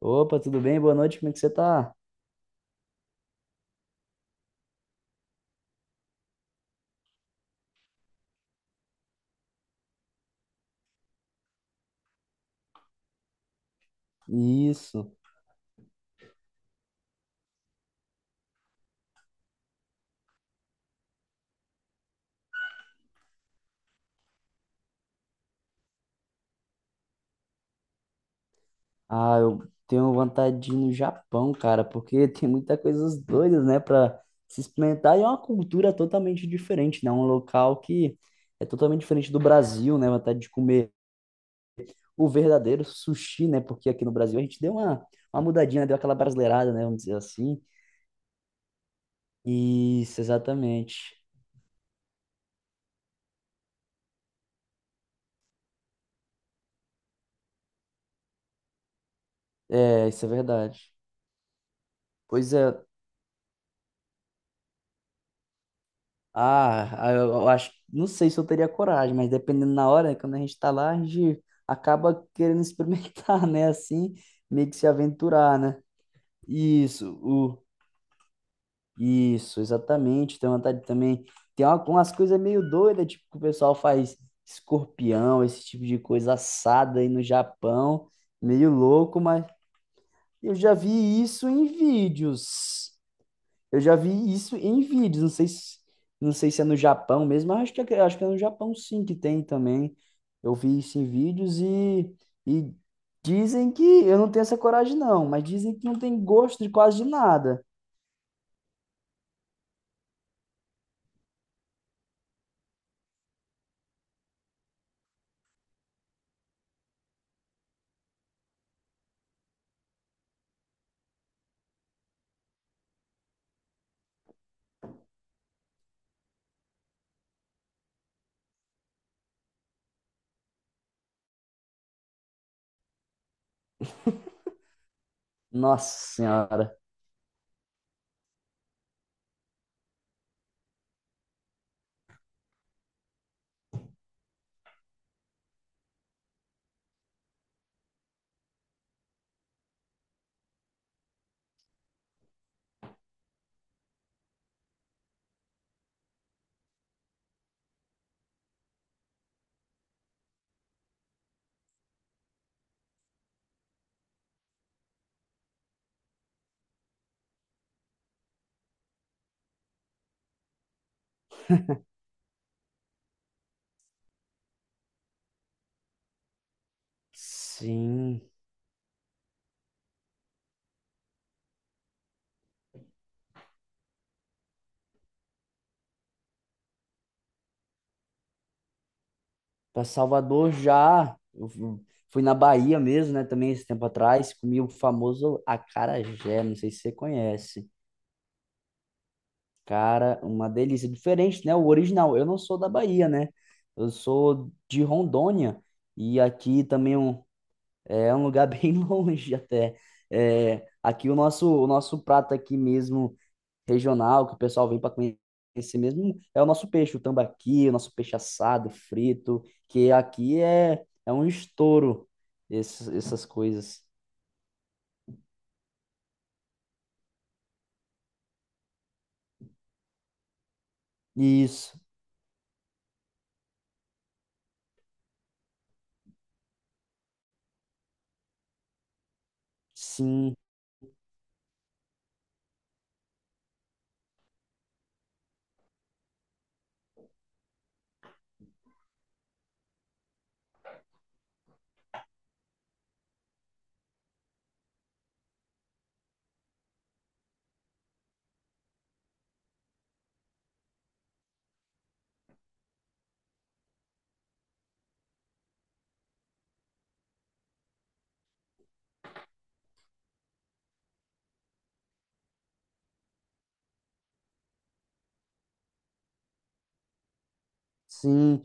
Opa, tudo bem? Boa noite, como é que você tá? Isso. Ah, eu tenho vontade de ir no Japão, cara, porque tem muita coisas doidas, né, pra se experimentar. E é uma cultura totalmente diferente, né? Um local que é totalmente diferente do Brasil, né? Vontade de comer o verdadeiro sushi, né? Porque aqui no Brasil a gente deu uma mudadinha, né, deu aquela brasileirada, né? Vamos dizer assim. Isso, exatamente. É, isso é verdade. Pois é. Eu acho, não sei se eu teria coragem, mas dependendo na hora, quando a gente tá lá, a gente acaba querendo experimentar, né? Assim, meio que se aventurar, né? Isso, o, isso, exatamente. Tem vontade também. Tem umas coisas meio doidas, tipo, que o pessoal faz escorpião, esse tipo de coisa assada aí no Japão, meio louco, mas eu já vi isso em vídeos. Eu já vi isso em vídeos, não sei se é no Japão mesmo, mas acho que é no Japão sim que tem também. Eu vi isso em vídeos e dizem que eu não tenho essa coragem não, mas dizem que não tem gosto de quase de nada. Nossa Senhora. Sim, para Salvador já. Fui na Bahia mesmo, né, também esse tempo atrás, comi o famoso acarajé, não sei se você conhece. Cara, uma delícia. Diferente, né? O original. Eu não sou da Bahia, né? Eu sou de Rondônia. E aqui também é um lugar bem longe até. É, aqui o nosso prato aqui mesmo, regional, que o pessoal vem para conhecer mesmo, é o nosso peixe, o tambaqui, o nosso peixe assado, frito, que aqui é um estouro, essas coisas. Isso, sim, sim.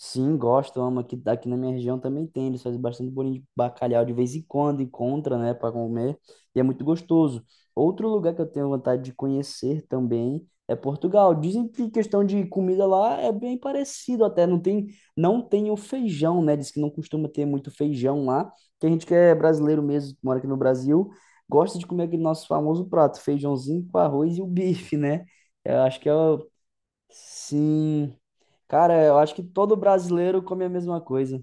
Sim, gosto, amo. Aqui na minha região também tem. Eles fazem bastante bolinho de bacalhau de vez em quando, encontra, né, para comer. E é muito gostoso. Outro lugar que eu tenho vontade de conhecer também é Portugal. Dizem que questão de comida lá é bem parecido até. Não tem o feijão, né? Diz que não costuma ter muito feijão lá. Que a gente que é brasileiro mesmo, que mora aqui no Brasil, gosta de comer aquele nosso famoso prato, feijãozinho com arroz e o bife, né? Eu acho que é o... Sim. Cara, eu acho que todo brasileiro come a mesma coisa.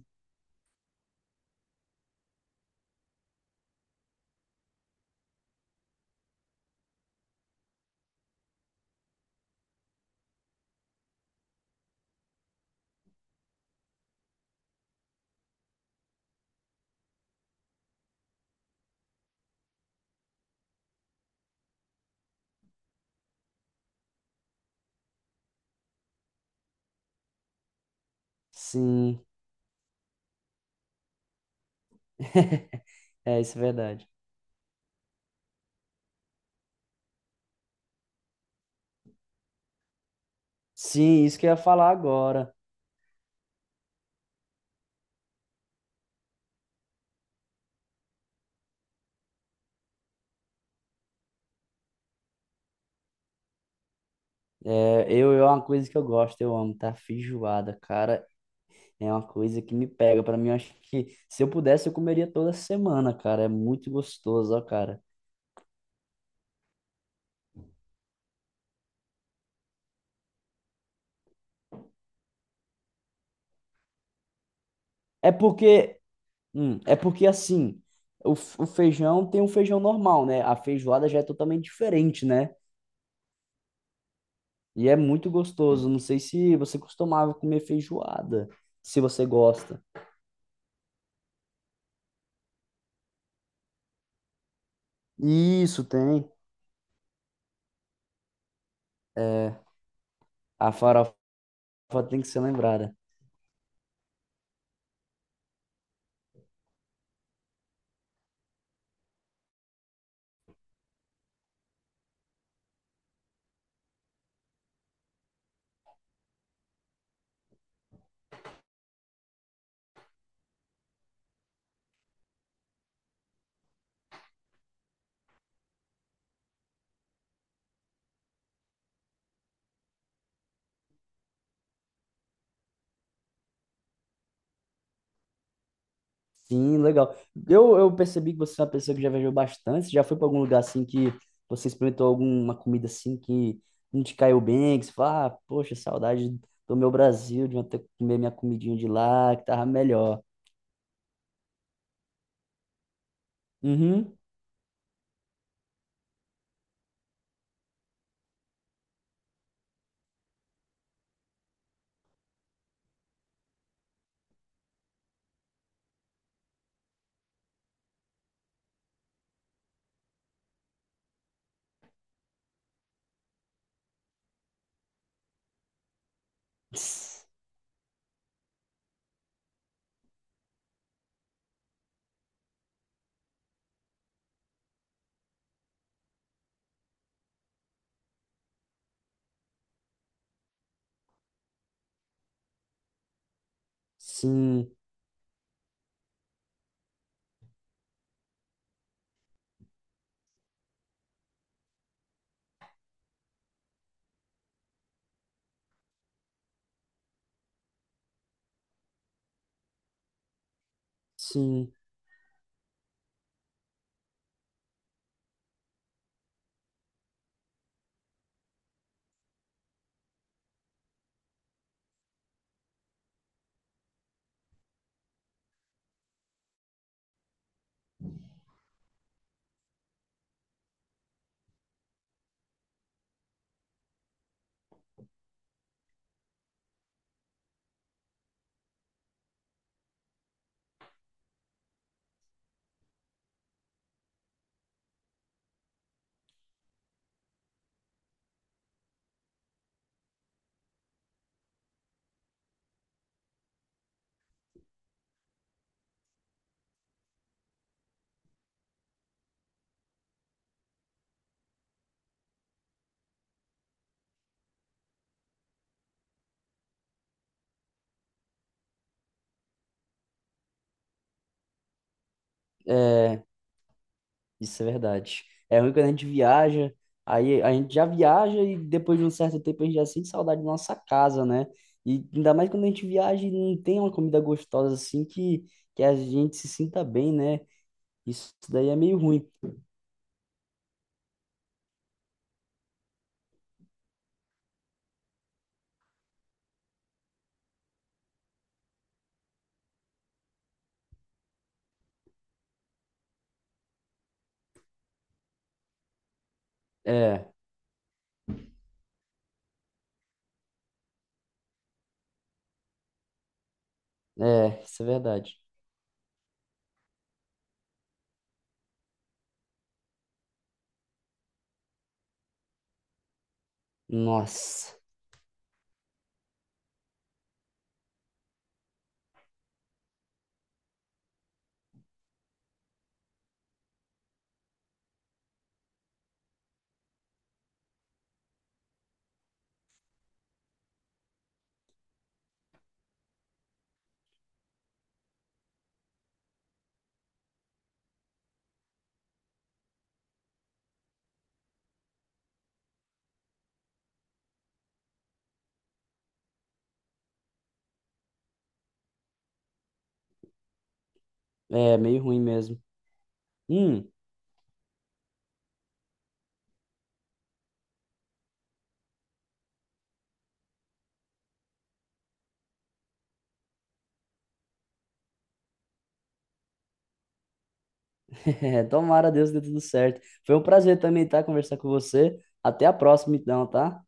Sim, é isso é verdade. Sim, isso que eu ia falar agora. Eu é uma coisa que eu gosto, eu amo, tá? Feijoada, cara, é uma coisa que me pega. Pra mim, eu acho que se eu pudesse, eu comeria toda semana, cara. É muito gostoso, ó, cara. É porque, é porque assim, o feijão tem um feijão normal, né? A feijoada já é totalmente diferente, né? E é muito gostoso. Não sei se você costumava comer feijoada, se você gosta. Isso, tem. É, a farofa tem que ser lembrada. Sim, legal. Eu percebi que você é uma pessoa que já viajou bastante. Você já foi para algum lugar assim que você experimentou alguma comida assim que não te caiu bem, que você fala, ah, poxa, saudade do meu Brasil, de eu ter que comer minha comidinha de lá, que tava melhor. Uhum. Sim, sim. É, isso é verdade. É ruim quando a gente viaja, aí a gente já viaja e depois de um certo tempo a gente já sente saudade da nossa casa, né? E ainda mais quando a gente viaja e não tem uma comida gostosa assim que a gente se sinta bem, né? Isso daí é meio ruim. É, isso é verdade. Nossa, é meio ruim mesmo. Hum, é, tomara a Deus que dê tudo certo. Foi um prazer também, tá? Conversar com você. Até a próxima, então, tá?